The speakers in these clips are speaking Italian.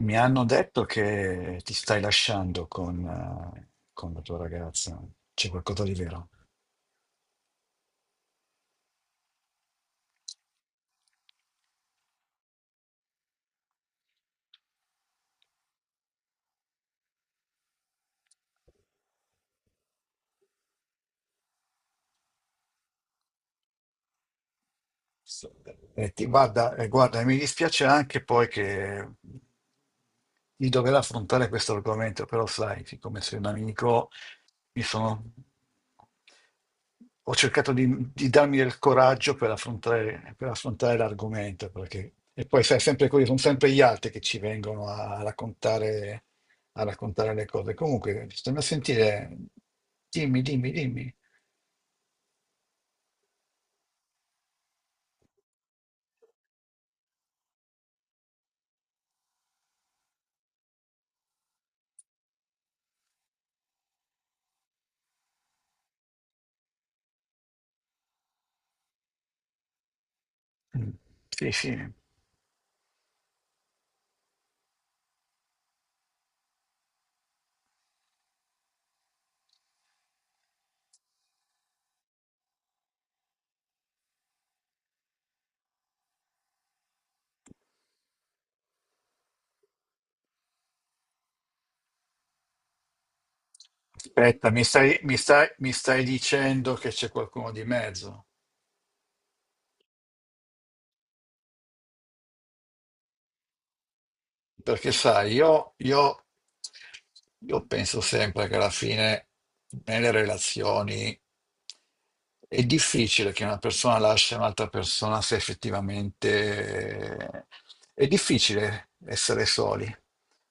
Mi hanno detto che ti stai lasciando con la tua ragazza. C'è qualcosa di vero? E guarda, mi dispiace anche poi che di dover affrontare questo argomento, però sai, siccome sei un amico, mi sono... ho cercato di darmi del coraggio per affrontare l'argomento, perché... E poi sai, sempre così, sono sempre gli altri che ci vengono a raccontare le cose. Comunque, stiamo a sentire... Dimmi, dimmi, dimmi. Mm. Sì, sì. Aspetta, mi stai dicendo che c'è qualcuno di mezzo? Perché sai, io penso sempre che alla fine nelle relazioni è difficile che una persona lasci un'altra persona se effettivamente è difficile essere soli.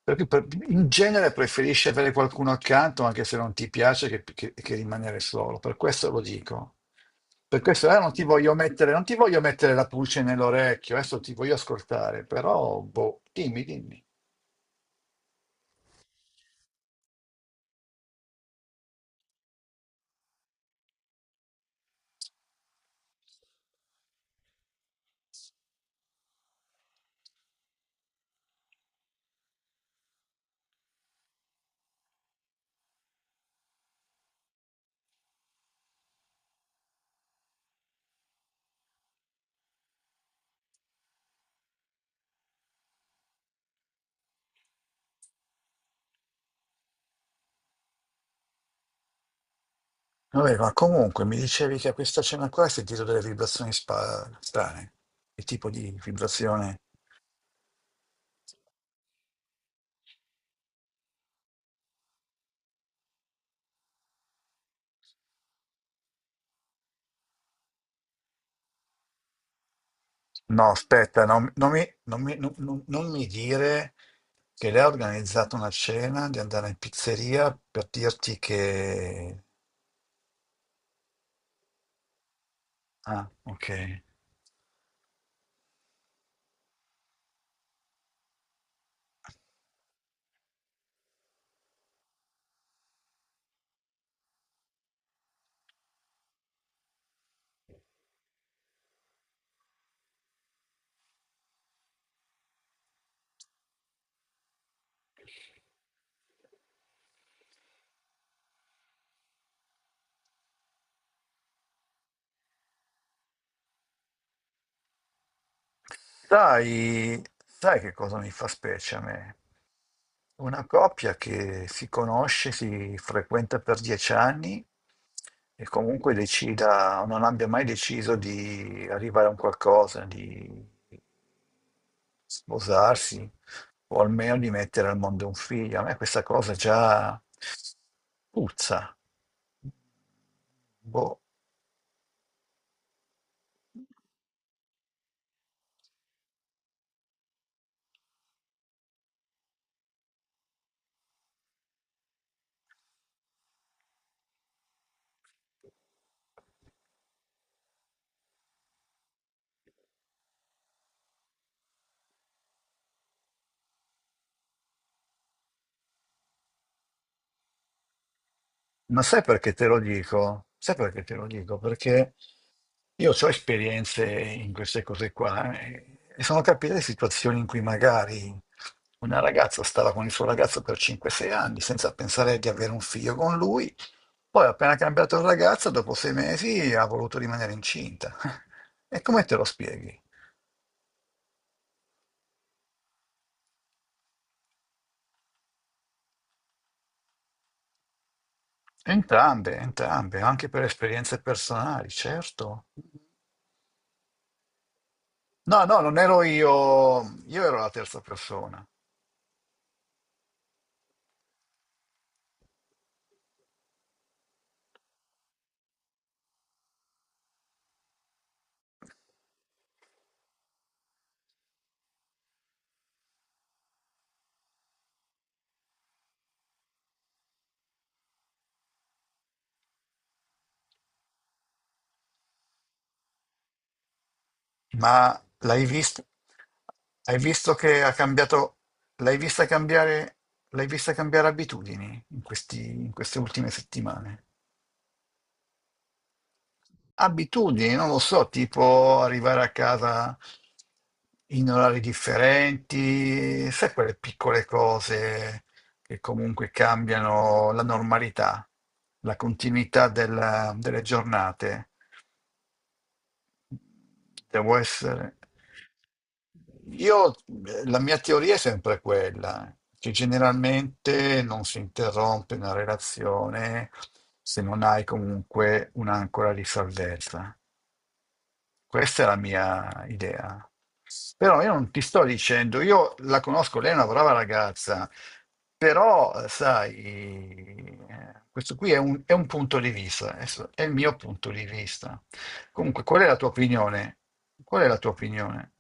Perché in genere preferisci avere qualcuno accanto anche se non ti piace che rimanere solo. Per questo lo dico. Per questo non ti voglio mettere la pulce nell'orecchio, adesso ti voglio ascoltare, però boh, dimmi, dimmi. Vabbè, ma comunque mi dicevi che a questa cena qua hai sentito delle vibrazioni strane. Che tipo di vibrazione? No, aspetta, non, non mi, non mi- non- non- non mi dire che lei ha organizzato una cena di andare in pizzeria per dirti che... Ah, ok. Sai, sai, che cosa mi fa specie a me? Una coppia che si conosce, si frequenta per 10 anni e comunque decida, non abbia mai deciso di arrivare a un qualcosa, di sposarsi o almeno di mettere al mondo un figlio. A me questa cosa già puzza. Boh. Ma sai perché te lo dico? Sai perché te lo dico? Perché io ho esperienze in queste cose qua e sono capite situazioni in cui magari una ragazza stava con il suo ragazzo per 5-6 anni senza pensare di avere un figlio con lui, poi appena cambiato ragazza, dopo 6 mesi ha voluto rimanere incinta. E come te lo spieghi? Entrambe, entrambe, anche per esperienze personali, certo. No, no, non ero io ero la terza persona. Ma l'hai visto? Hai visto che ha cambiato? L'hai vista cambiare? L'hai vista cambiare abitudini in queste ultime settimane? Abitudini, non lo so, tipo arrivare a casa in orari differenti, sai quelle piccole cose che comunque cambiano la normalità, la continuità delle giornate. Devo essere. Io, la mia teoria è sempre quella, che generalmente non si interrompe una relazione se non hai comunque un'ancora di salvezza. Questa è la mia idea. Però io non ti sto dicendo, io la conosco, lei è una brava ragazza, però sai, questo qui è un punto di vista, adesso è il mio punto di vista. Comunque, qual è la tua opinione? Qual è la tua opinione?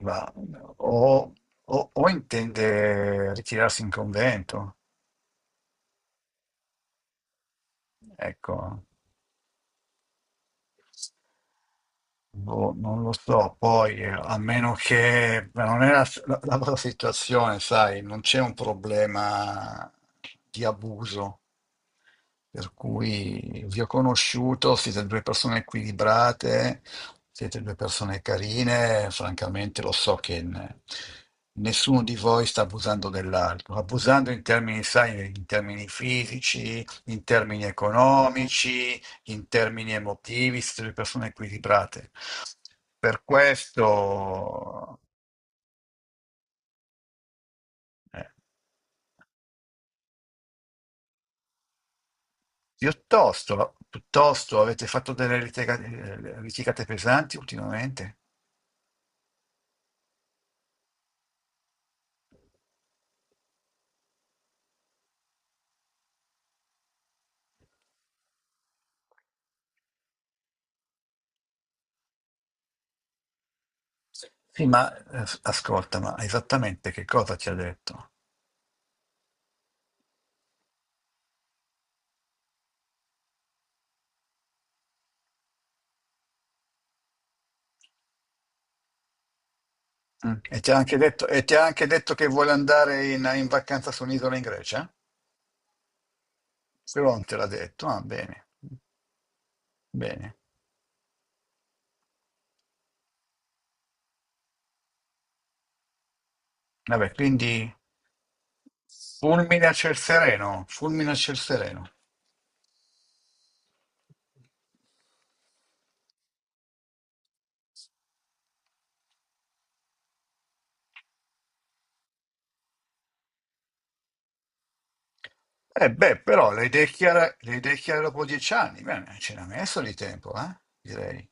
Ma- o, o intende ritirarsi in convento? Ecco. Boh, non lo so, poi a meno che ma non è la tua situazione, sai, non c'è un problema di abuso. Per cui vi ho conosciuto, siete due persone equilibrate, siete due persone carine, francamente lo so che nessuno di voi sta abusando dell'altro, abusando in termini, sai, in termini fisici, in termini economici, in termini emotivi, siete due persone equilibrate. Per questo, eh, piuttosto avete fatto delle litigate pesanti ultimamente? Sì, ma ascolta, ma esattamente che cosa ti ha detto? Mm. E ti ha anche detto, e ti ha anche detto che vuole andare in vacanza su un'isola in Grecia? Quello non te l'ha detto? Ah, bene, bene. Vabbè, quindi fulmine a ciel sereno, fulmine a ciel sereno. Eh beh, però le idee chiare dopo 10 anni, bene, ce n'ha messo di tempo, eh? Direi.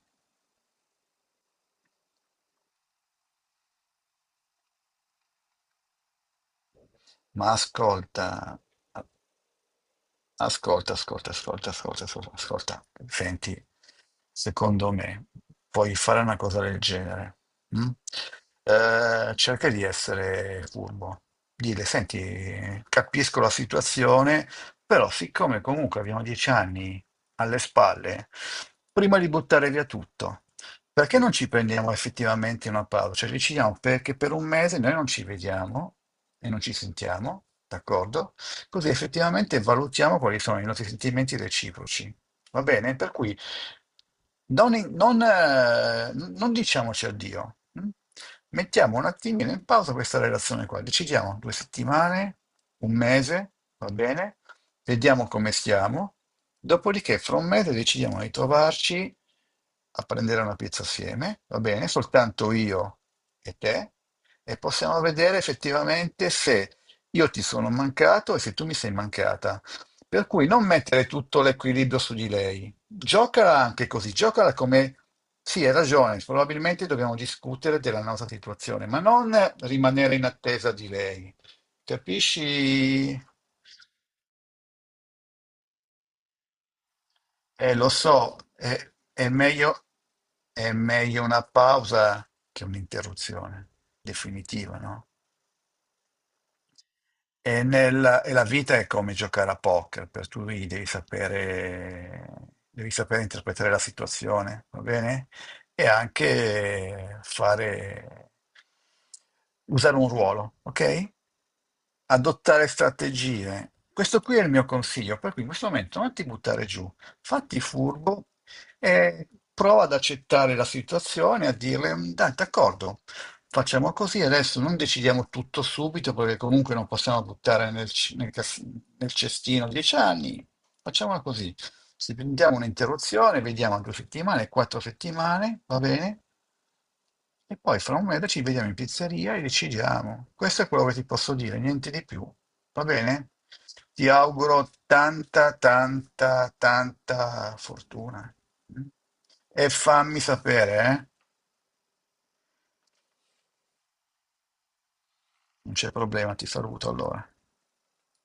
Ma ascolta, ascolta, ascolta, ascolta, ascolta, ascolta, ascolta. Senti, secondo me puoi fare una cosa del genere. Mm? Cerca di essere furbo. Dile, senti, capisco la situazione, però siccome comunque abbiamo 10 anni alle spalle, prima di buttare via tutto, perché non ci prendiamo effettivamente una pausa? Cioè, decidiamo perché per un mese noi non ci vediamo e non ci sentiamo, d'accordo? Così effettivamente valutiamo quali sono i nostri sentimenti reciproci. Va bene? Per cui non diciamoci addio. Mm? Mettiamo un attimino in pausa questa relazione qua. Decidiamo 2 settimane, un mese, va bene? Vediamo come stiamo. Dopodiché, fra un mese decidiamo di trovarci a prendere una pizza assieme, va bene? Soltanto io e te, e possiamo vedere effettivamente se io ti sono mancato e se tu mi sei mancata. Per cui non mettere tutto l'equilibrio su di lei. Giocala anche così, giocala come... Sì, hai ragione, probabilmente dobbiamo discutere della nostra situazione, ma non rimanere in attesa di lei. Capisci? Lo so, è meglio, è meglio una pausa che un'interruzione definitiva, no? E, e la vita è come giocare a poker, per cui devi sapere interpretare la situazione, va bene? E anche fare, usare un ruolo, ok? Adottare strategie. Questo qui è il mio consiglio, per cui in questo momento non ti buttare giù, fatti furbo e prova ad accettare la situazione, a dirle, "Mm, dai, d'accordo, facciamo così, adesso non decidiamo tutto subito, perché comunque non possiamo buttare nel, c- nel cas- nel cestino 10 anni, facciamola così. Se prendiamo un'interruzione, vediamo 2 settimane, 4 settimane, va bene? E poi fra un mese ci vediamo in pizzeria e decidiamo. Questo è quello che ti posso dire, niente di più. Va bene? Ti auguro tanta, tanta, tanta fortuna. E fammi sapere, eh? Non c'è problema, ti saluto allora.